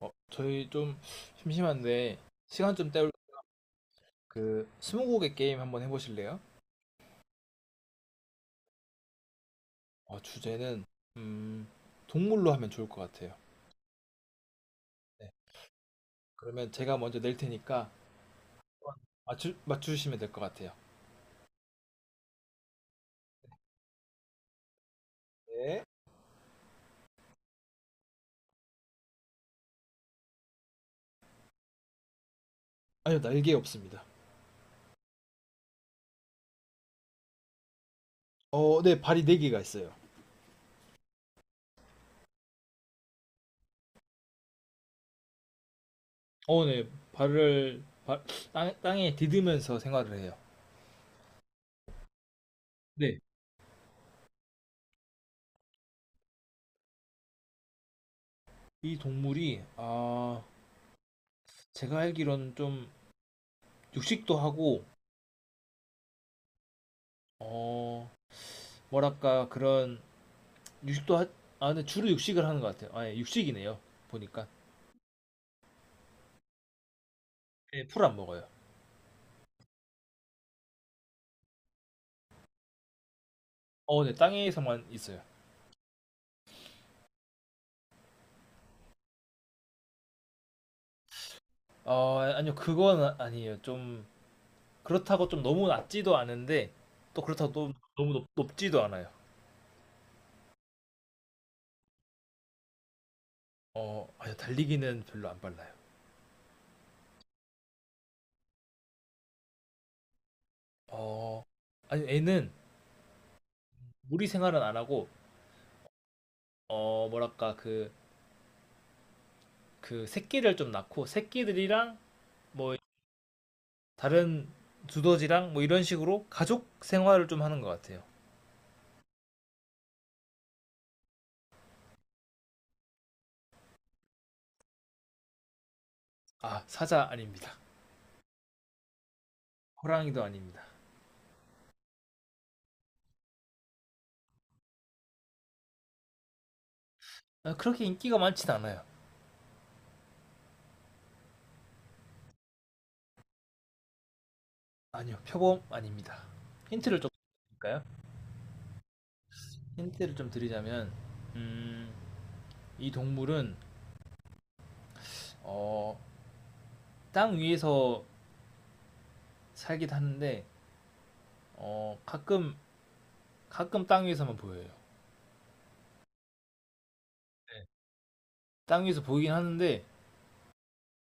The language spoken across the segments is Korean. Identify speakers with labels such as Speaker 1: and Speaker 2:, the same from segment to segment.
Speaker 1: 저희 좀 심심한데 시간 좀 때울 그 스무고개 게임 한번 해보실래요? 주제는 음, 동물로 하면 좋을 것 같아요. 네. 그러면 제가 먼저 낼 테니까 맞추시면 될 것 같아요. 네. 아니요, 날개 없습니다. 어, 네, 발이 네 개가 있어요. 어, 네, 땅에 디디면서 생활을 해요. 네, 이 동물이 아, 제가 알기로는 좀 육식도 하고 어, 뭐랄까 그런 육식도 하, 아 근데 주로 육식을 하는 것 같아요. 아예 육식이네요. 보니까 예, 풀안 먹어요. 어, 네 땅에서만 있어요. 어, 아니요 그건 아니에요. 좀 그렇다고 좀 너무 낮지도 않은데 또 그렇다고 또 높지도 않아요. 어, 아니요 달리기는 별로 안 빨라요. 어, 아니 애는 무리 생활은 안 하고 어 뭐랄까 그 새끼를 좀 낳고 새끼들이랑 뭐 다른 두더지랑 뭐 이런 식으로 가족 생활을 좀 하는 것 같아요. 아 사자 아닙니다. 호랑이도 아닙니다. 아, 그렇게 인기가 많진 않아요. 아니요, 표범 아닙니다. 힌트를 좀 드릴까요? 힌트를 좀 드리자면, 음, 이 동물은 어, 땅 위에서 살기도 하는데 어, 가끔 땅 위에서만 보여요. 네. 땅 위에서 보이긴 하는데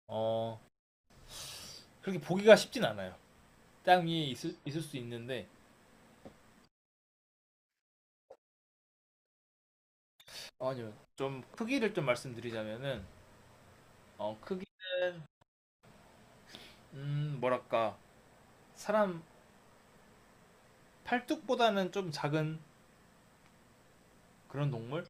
Speaker 1: 어, 그렇게 보기가 쉽진 않아요. 있을 수 있는데 어, 아니요, 좀 크기를 좀 말씀드리자면은 어, 크기는 뭐랄까 사람 팔뚝보다는 좀 작은 그런 동물?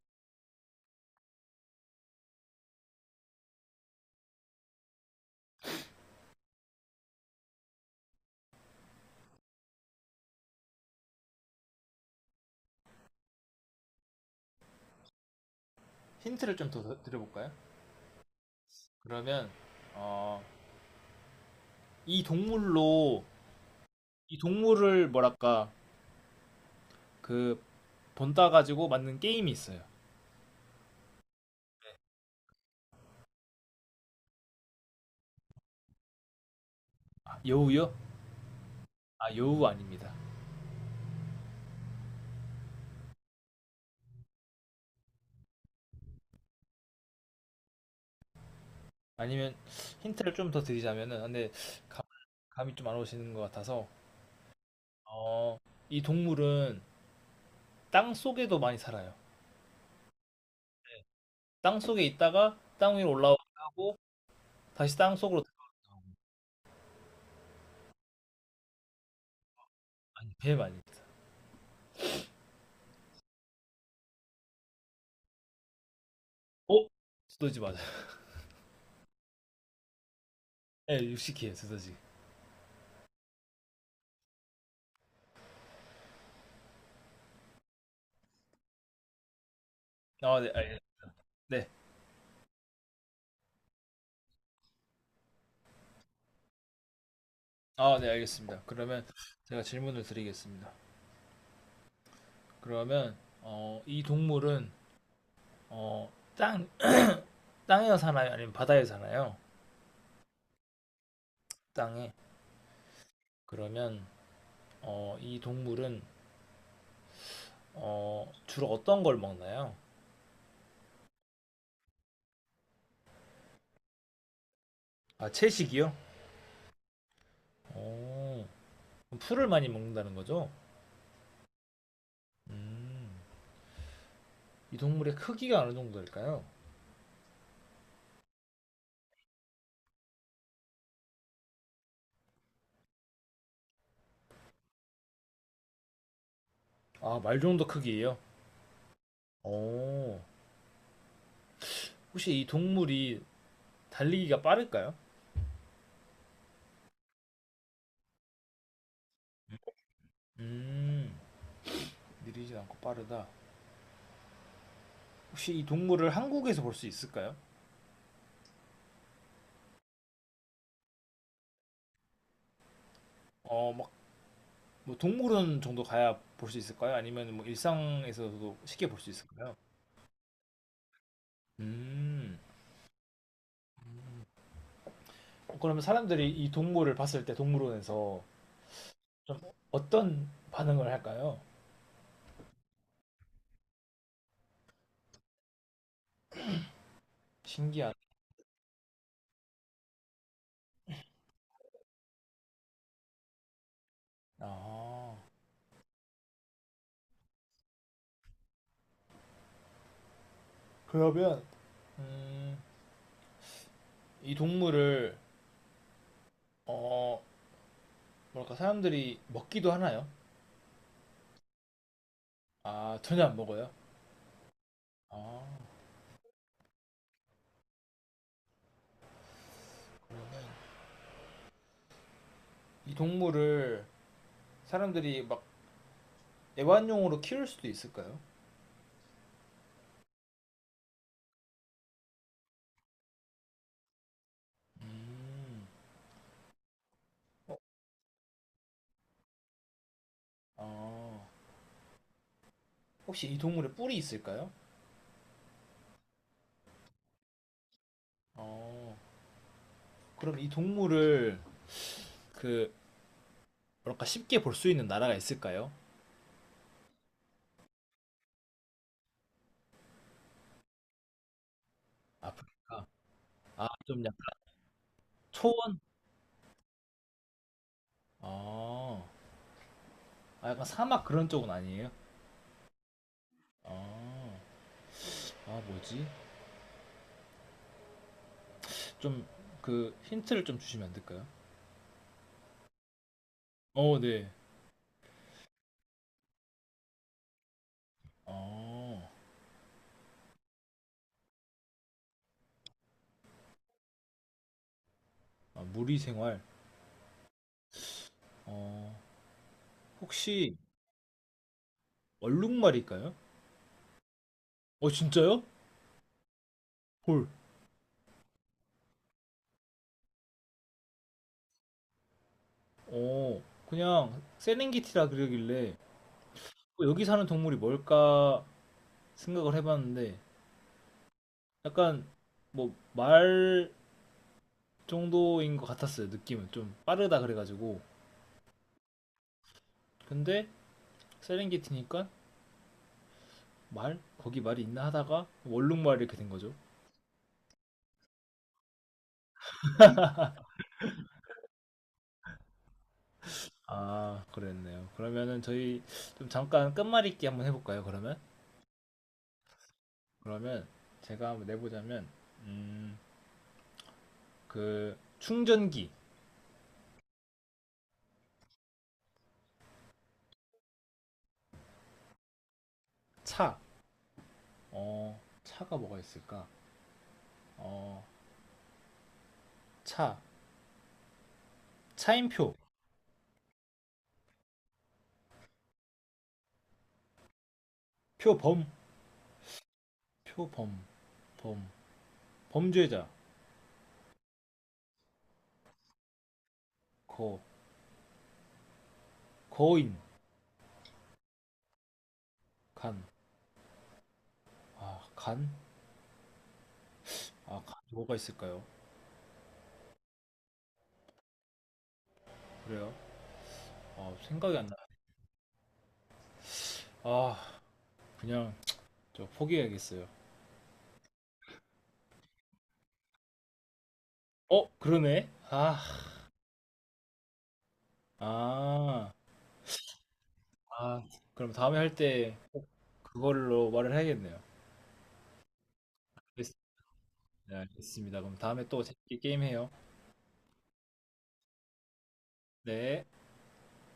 Speaker 1: 힌트를 좀 더 드려볼까요? 그러면 어, 이 동물로 이 동물을 뭐랄까 그 본따 가지고 만든 게임이 있어요. 아, 여우요? 아 여우 아닙니다. 아니면 힌트를 좀 더 드리자면은 근데 감, 감이 좀 안 오시는 것 같아서 어, 이 동물은 땅 속에도 많이 살아요. 땅 속에 있다가 땅 위로 올라오기도 하고 다시 땅 속으로 들어가기도 하고 아니 뱀 아닙니다. 어? 두더지 맞아요. 네 육식이에요 두더지. 아 네, 알네 아, 네, 알겠습니다. 그러면 제가 질문을 드리겠습니다. 그러면 어, 이 동물은 어, 땅 땅에 사나요? 아니면 바다에 사나요? 땅에. 그러면 어, 이 동물은 어, 주로 어떤 걸 먹나요? 아, 채식이요? 오, 그럼 풀을 많이 먹는다는 거죠? 음, 이 동물의 크기가 어느 정도일까요? 아, 말 정도 크기예요? 오, 혹시 이 동물이 달리기가 빠를까요? 음, 느리지 않고 빠르다. 혹시 이 동물을 한국에서 볼 수 있을까요? 어, 막, 뭐 동물원 정도 가야 볼 수 있을까요? 아니면 뭐 일상에서도 쉽게 볼 수 있을까요? 음, 그러면 사람들이 이 동물을 봤을 때 동물원에서 좀 어떤 반응을 할까요? 신기한. 아, 그러면, 음, 이 동물을, 어, 뭐랄까, 사람들이 먹기도 하나요? 아, 전혀 안 먹어요? 아, 이 동물을 사람들이 막 애완용으로 키울 수도 있을까요? 음. 어, 어, 혹시 이 동물에 뿔이 있을까요? 어, 그럼 이 동물을 그 뭐랄까 쉽게 볼 수 있는 나라가 있을까요? 아프리카. 아, 좀 약간 초원? 아... 아, 약간 사막 그런 쪽은 아니에요? 아... 아, 뭐지? 좀 그 힌트를 좀 주시면 안 될까요? 어, 네. 어, 아, 무리 생활. 어, 혹시 얼룩말일까요? 어, 진짜요? 헐. 어, 그냥 세렝게티라 그러길래 어, 여기 사는 동물이 뭘까 생각을 해봤는데 약간 뭐 말 정도인 것 같았어요. 느낌은 좀 빠르다 그래가지고 근데 세렝게티니까 말 거기 말이 있나 하다가 원룸말 이렇게 된 거죠. 아 그랬네요. 그러면은 저희 좀 잠깐 끝말잇기 한번 해볼까요? 그러면 그러면 제가 한번 내보자면 음, 그 충전기 차 어, 차가 뭐가 있을까? 어, 차 차임표 표범 표범 범 범죄자 거 거인 간. 아, 간? 아, 간 뭐가 있을까요? 그래요? 아, 생각이 안 나. 아, 그냥 저 포기해야겠어요. 어, 그러네. 아, 아, 아. 그럼 다음에 할 때 그걸로 말을 해야겠네요. 알겠- 네, 알겠습니다. 그럼 다음에 또 재밌게 게임해요. 네.